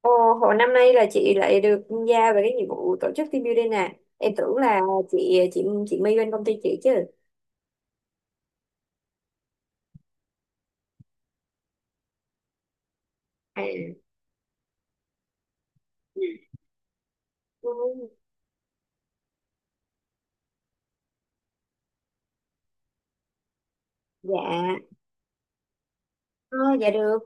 Ồ, hồi năm nay là chị lại được giao về cái nhiệm vụ tổ chức team building nè. Em tưởng là chị My bên công ty chị chứ. À. Ừ, dạ ờ, dạ được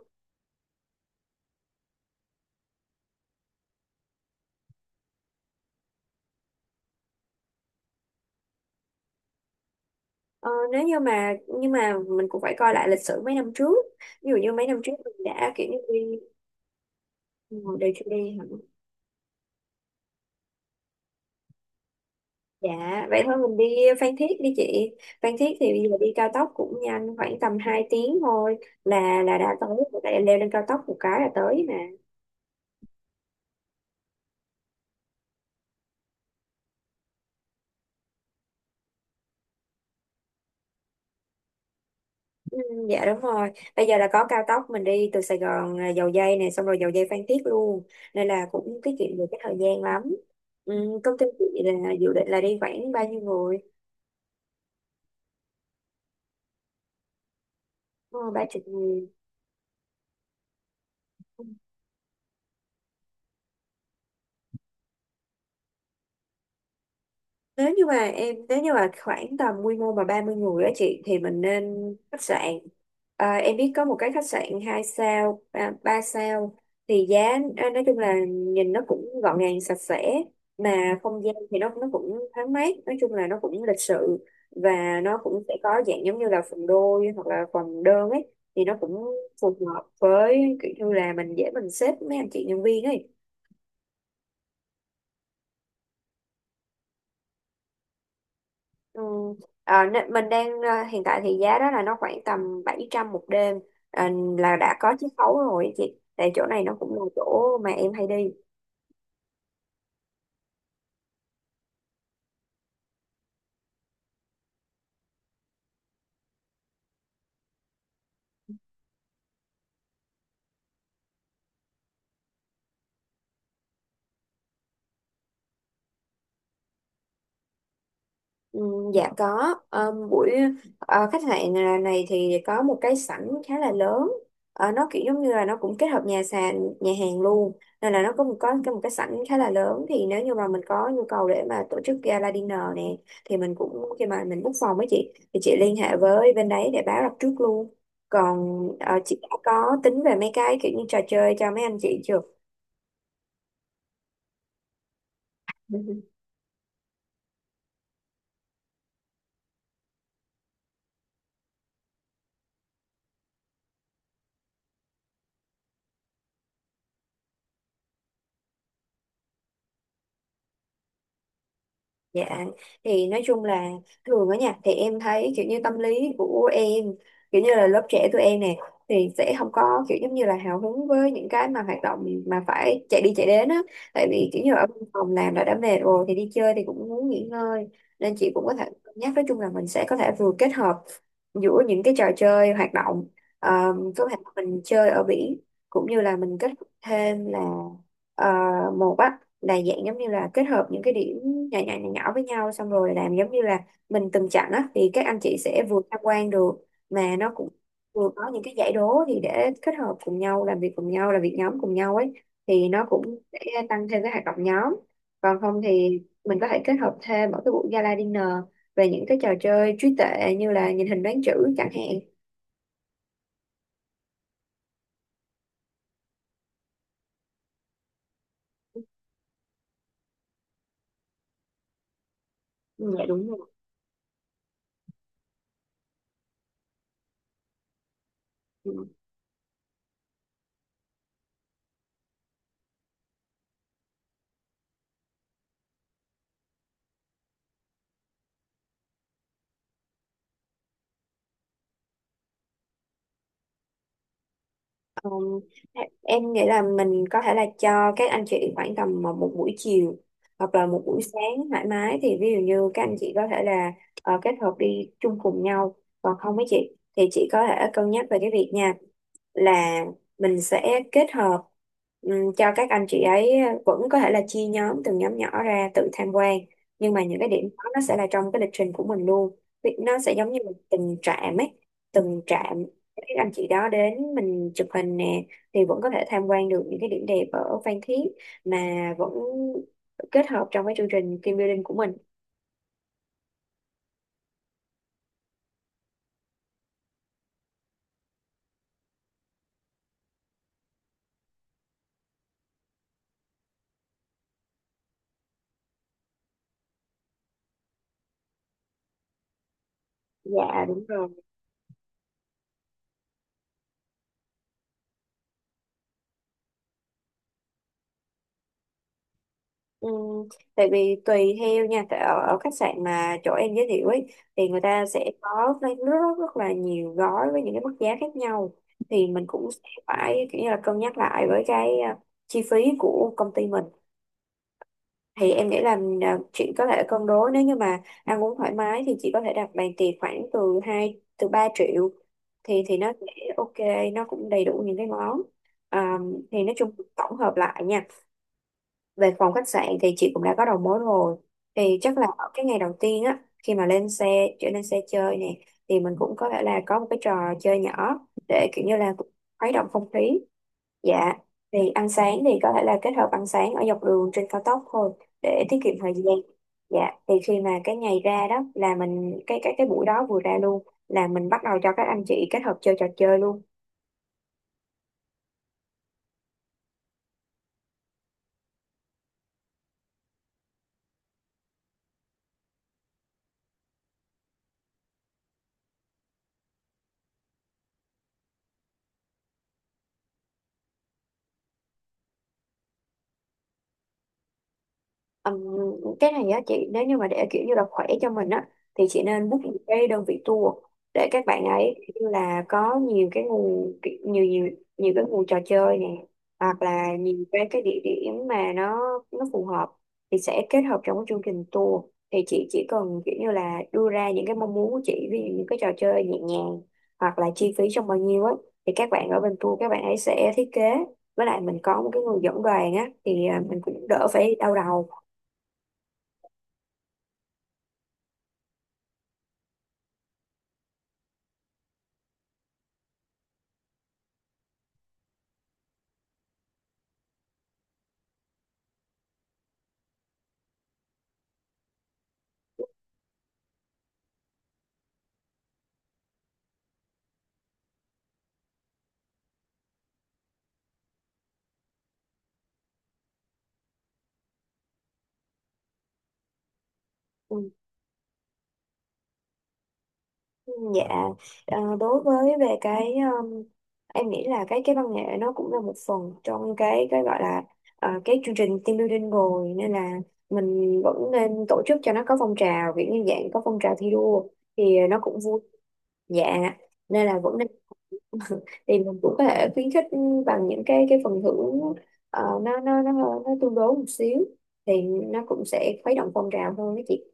ờ, nếu như mà nhưng mà mình cũng phải coi lại lịch sử mấy năm trước, ví dụ như mấy năm trước mình đã kiểu như đi. Ngồi đều chưa đi hả? Dạ, vậy thôi mình đi Phan Thiết đi chị. Phan Thiết thì bây giờ đi cao tốc cũng nhanh, khoảng tầm 2 tiếng thôi là đã tới, tại em leo lên cao tốc một cái là tới mà. Ừ, dạ đúng rồi, bây giờ là có cao tốc, mình đi từ Sài Gòn Dầu Giây này, xong rồi Dầu Giây Phan Thiết luôn, nên là cũng tiết kiệm được cái thời gian lắm. Ừ, công ty chị là dự định là đi khoảng bao nhiêu người? Ờ, ba chục người. Ừ. Nếu như mà khoảng tầm quy mô mà 30 người á chị thì mình nên khách sạn. Em biết có một cái khách sạn 2 sao ba ba sao thì giá nói chung là nhìn nó cũng gọn gàng sạch sẽ, mà không gian thì nó cũng thoáng mát, nói chung là nó cũng lịch sự, và nó cũng sẽ có dạng giống như là phòng đôi hoặc là phòng đơn ấy, thì nó cũng phù hợp với kiểu như là mình dễ mình xếp mấy anh chị nhân viên ấy. Ừ. À, nên mình đang à, Hiện tại thì giá đó là nó khoảng tầm 700 một đêm, à, là đã có chiết khấu rồi chị, tại chỗ này nó cũng là chỗ mà em hay đi. Ừ, dạ có. Khách sạn này thì có một cái sảnh khá là lớn. Ờ, nó kiểu giống như là nó cũng kết hợp nhà sàn nhà hàng luôn, nên là nó có một có cái- một cái sảnh khá là lớn, thì nếu như mà mình có nhu cầu để mà tổ chức gala dinner nè, thì mình cũng khi mà mình book phòng với chị thì chị liên hệ với bên đấy để báo đặt trước luôn. Còn chị đã có tính về mấy cái kiểu như trò chơi cho mấy anh chị chưa? Dạ, thì nói chung là thường ở nhà thì em thấy kiểu như tâm lý của em, kiểu như là lớp trẻ tụi em nè, thì sẽ không có kiểu giống như là hào hứng với những cái mà hoạt động mà phải chạy đi chạy đến á. Tại vì kiểu như ở văn phòng làm đã mệt rồi thì đi chơi thì cũng muốn nghỉ ngơi. Nên chị cũng có thể cân nhắc, nói chung là mình sẽ có thể vừa kết hợp giữa những cái trò chơi hoạt động, có thể mình chơi ở biển, cũng như là mình kết hợp thêm là ờ, một á, là dạng giống như là kết hợp những cái điểm nhỏ nhỏ nhỏ nhỏ với nhau, xong rồi làm giống như là mình từng chặng á, thì các anh chị sẽ vừa tham quan được, mà nó cũng vừa có những cái giải đố thì để kết hợp cùng nhau, làm việc cùng nhau, làm việc nhóm cùng nhau ấy, thì nó cũng sẽ tăng thêm cái hoạt động nhóm. Còn không thì mình có thể kết hợp thêm ở cái buổi gala dinner về những cái trò chơi trí tuệ, như là nhìn hình đoán chữ chẳng hạn. Ừ, dạ đúng rồi. Ừ. Ờ, em nghĩ là mình có thể là cho các anh chị khoảng tầm một một buổi chiều, hoặc là một buổi sáng thoải mái, thì ví dụ như các anh chị có thể là kết hợp đi chung cùng nhau. Còn không với chị thì chị có thể cân nhắc về cái việc nha, là mình sẽ kết hợp, cho các anh chị ấy vẫn có thể là chia nhóm, từng nhóm nhỏ ra tự tham quan, nhưng mà những cái điểm đó nó sẽ là trong cái lịch trình của mình luôn. Vì nó sẽ giống như một từng trạm ấy, từng trạm các anh chị đó đến mình chụp hình nè, thì vẫn có thể tham quan được những cái điểm đẹp ở Phan Thiết, mà vẫn kết hợp trong cái chương trình team building của mình. Dạ đúng rồi. Ừm, Tại vì tùy theo nha, tại ở khách sạn mà chỗ em giới thiệu ấy, thì người ta sẽ có rất, rất rất là nhiều gói với những cái mức giá khác nhau, thì mình cũng sẽ phải kiểu như là cân nhắc lại với cái chi phí của công ty mình. Thì em nghĩ là chị có thể cân đối, nếu như mà ăn uống thoải mái thì chị có thể đặt bàn tiệc khoảng từ 2 từ 3 triệu, thì nó sẽ ok, nó cũng đầy đủ những cái món. à, thì nói chung tổng hợp lại nha, về phòng khách sạn thì chị cũng đã có đầu mối rồi, thì chắc là ở cái ngày đầu tiên á, khi mà lên xe chơi nè, thì mình cũng có thể là có một cái trò chơi nhỏ để kiểu như là khuấy động không khí. Dạ, thì ăn sáng thì có thể là kết hợp ăn sáng ở dọc đường trên cao tốc thôi, để tiết kiệm thời gian. Dạ, thì khi mà cái ngày ra đó là mình cái buổi đó vừa ra luôn là mình bắt đầu cho các anh chị kết hợp chơi trò chơi luôn. Ừm, cái này á chị, nếu như mà để kiểu như là khỏe cho mình á, thì chị nên book một cái đơn vị tour, để các bạn ấy kiểu như là có nhiều nhiều nhiều cái nguồn trò chơi nè, hoặc là nhiều cái địa điểm mà nó phù hợp, thì sẽ kết hợp trong cái chương trình tour. Thì chị chỉ cần kiểu như là đưa ra những cái mong muốn của chị, ví dụ những cái trò chơi nhẹ nhàng, hoặc là chi phí trong bao nhiêu á, thì các bạn ở bên tour các bạn ấy sẽ thiết kế, với lại mình có một cái người dẫn đoàn á, thì mình cũng đỡ phải đau đầu. Ừ, dạ. Đối với về cái em nghĩ là cái văn nghệ nó cũng là một phần trong cái gọi là cái chương trình team building rồi, nên là mình vẫn nên tổ chức cho nó có phong trào, kiểu như dạng có phong trào thi đua thì nó cũng vui. Dạ, nên là vẫn nên, thì mình cũng có thể khuyến khích bằng những cái phần thưởng, nó tương đối một xíu, thì nó cũng sẽ khuấy động phong trào hơn đó chị.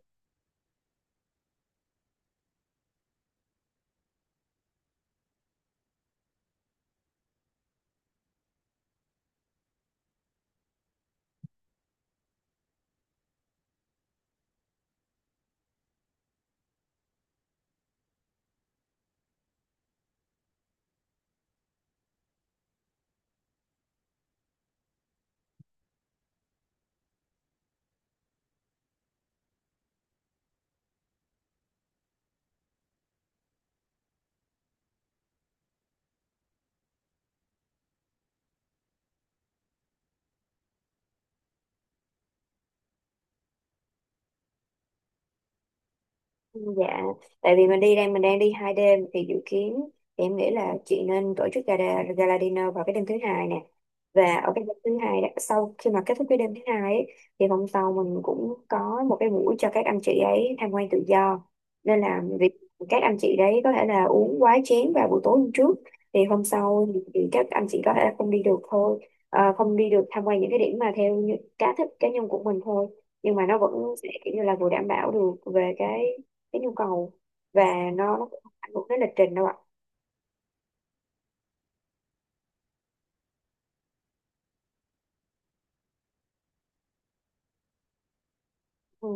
Dạ, tại vì mình đang đi 2 đêm thì dự kiến, thì em nghĩ là chị nên tổ chức gala dinner vào cái đêm thứ hai nè, và ở cái đêm thứ hai đó, sau khi mà kết thúc cái đêm thứ hai ấy, thì hôm sau mình cũng có một cái buổi cho các anh chị ấy tham quan tự do, nên là việc các anh chị đấy có thể là uống quá chén vào buổi tối hôm trước, thì hôm sau thì các anh chị có thể là không đi được thôi. Ờ, không đi được tham quan những cái điểm mà theo như cá thích cá nhân của mình thôi, nhưng mà nó vẫn sẽ kiểu như là vừa đảm bảo được về cái nhu cầu, và nó cũng không ảnh hưởng đến lịch trình đâu ạ. Ừ.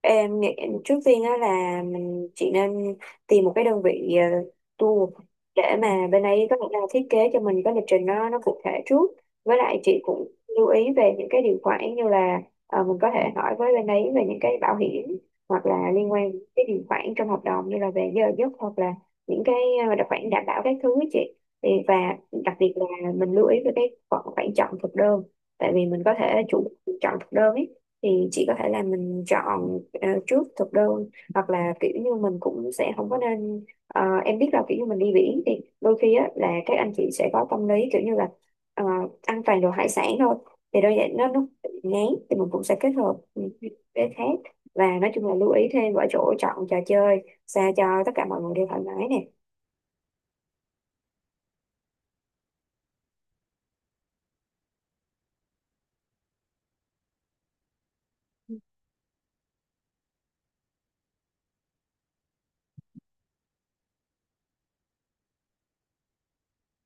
Em nghĩ trước tiên á là chị nên tìm một cái đơn vị tour để mà bên ấy có thể là thiết kế cho mình cái lịch trình nó cụ thể trước. Với lại chị cũng lưu ý về những cái điều khoản, như là mình có thể hỏi với bên ấy về những cái bảo hiểm, hoặc là liên quan đến cái điều khoản trong hợp đồng, như là về giờ giấc, hoặc là những cái đặc khoản đảm bảo các thứ ấy chị. Và đặc biệt là mình lưu ý về cái khoản khoản chọn thực đơn, tại vì mình có thể chọn thực đơn ấy, thì chị có thể là mình chọn trước thực đơn, hoặc là kiểu như mình cũng sẽ không có nên, em biết là kiểu như mình đi biển thì đôi khi á là các anh chị sẽ có tâm lý kiểu như là ờ, ăn toàn đồ hải sản thôi, thì đôi vậy nó bị ngán, thì mình cũng sẽ kết hợp với khác. Và nói chung là lưu ý thêm ở chỗ chọn trò chơi sao cho tất cả mọi người đều thoải mái nè.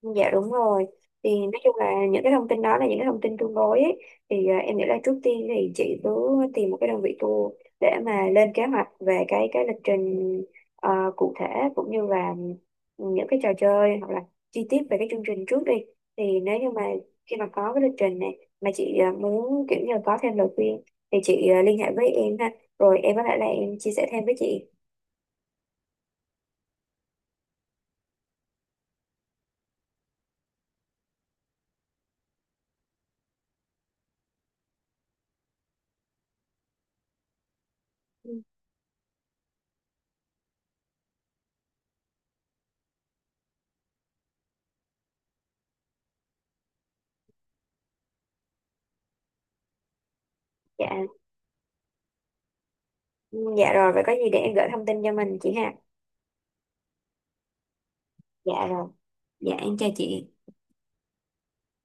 Dạ đúng rồi. Thì nói chung là những cái thông tin đó là những cái thông tin tương đối ấy. Thì em nghĩ là trước tiên thì chị cứ tìm một cái đơn vị tour, để mà lên kế hoạch về cái lịch trình, ờ, cụ thể, cũng như là những cái trò chơi, hoặc là chi tiết về cái chương trình trước đi. Thì nếu như mà khi mà có cái lịch trình này mà chị muốn kiểu như là có thêm lời khuyên, thì chị liên hệ với em ha. Rồi em có thể là em chia sẻ thêm với chị. Ừ. Dạ. Ừ, dạ rồi, vậy có gì để em gửi thông tin cho mình chị ha. Dạ rồi. Dạ em chào chị.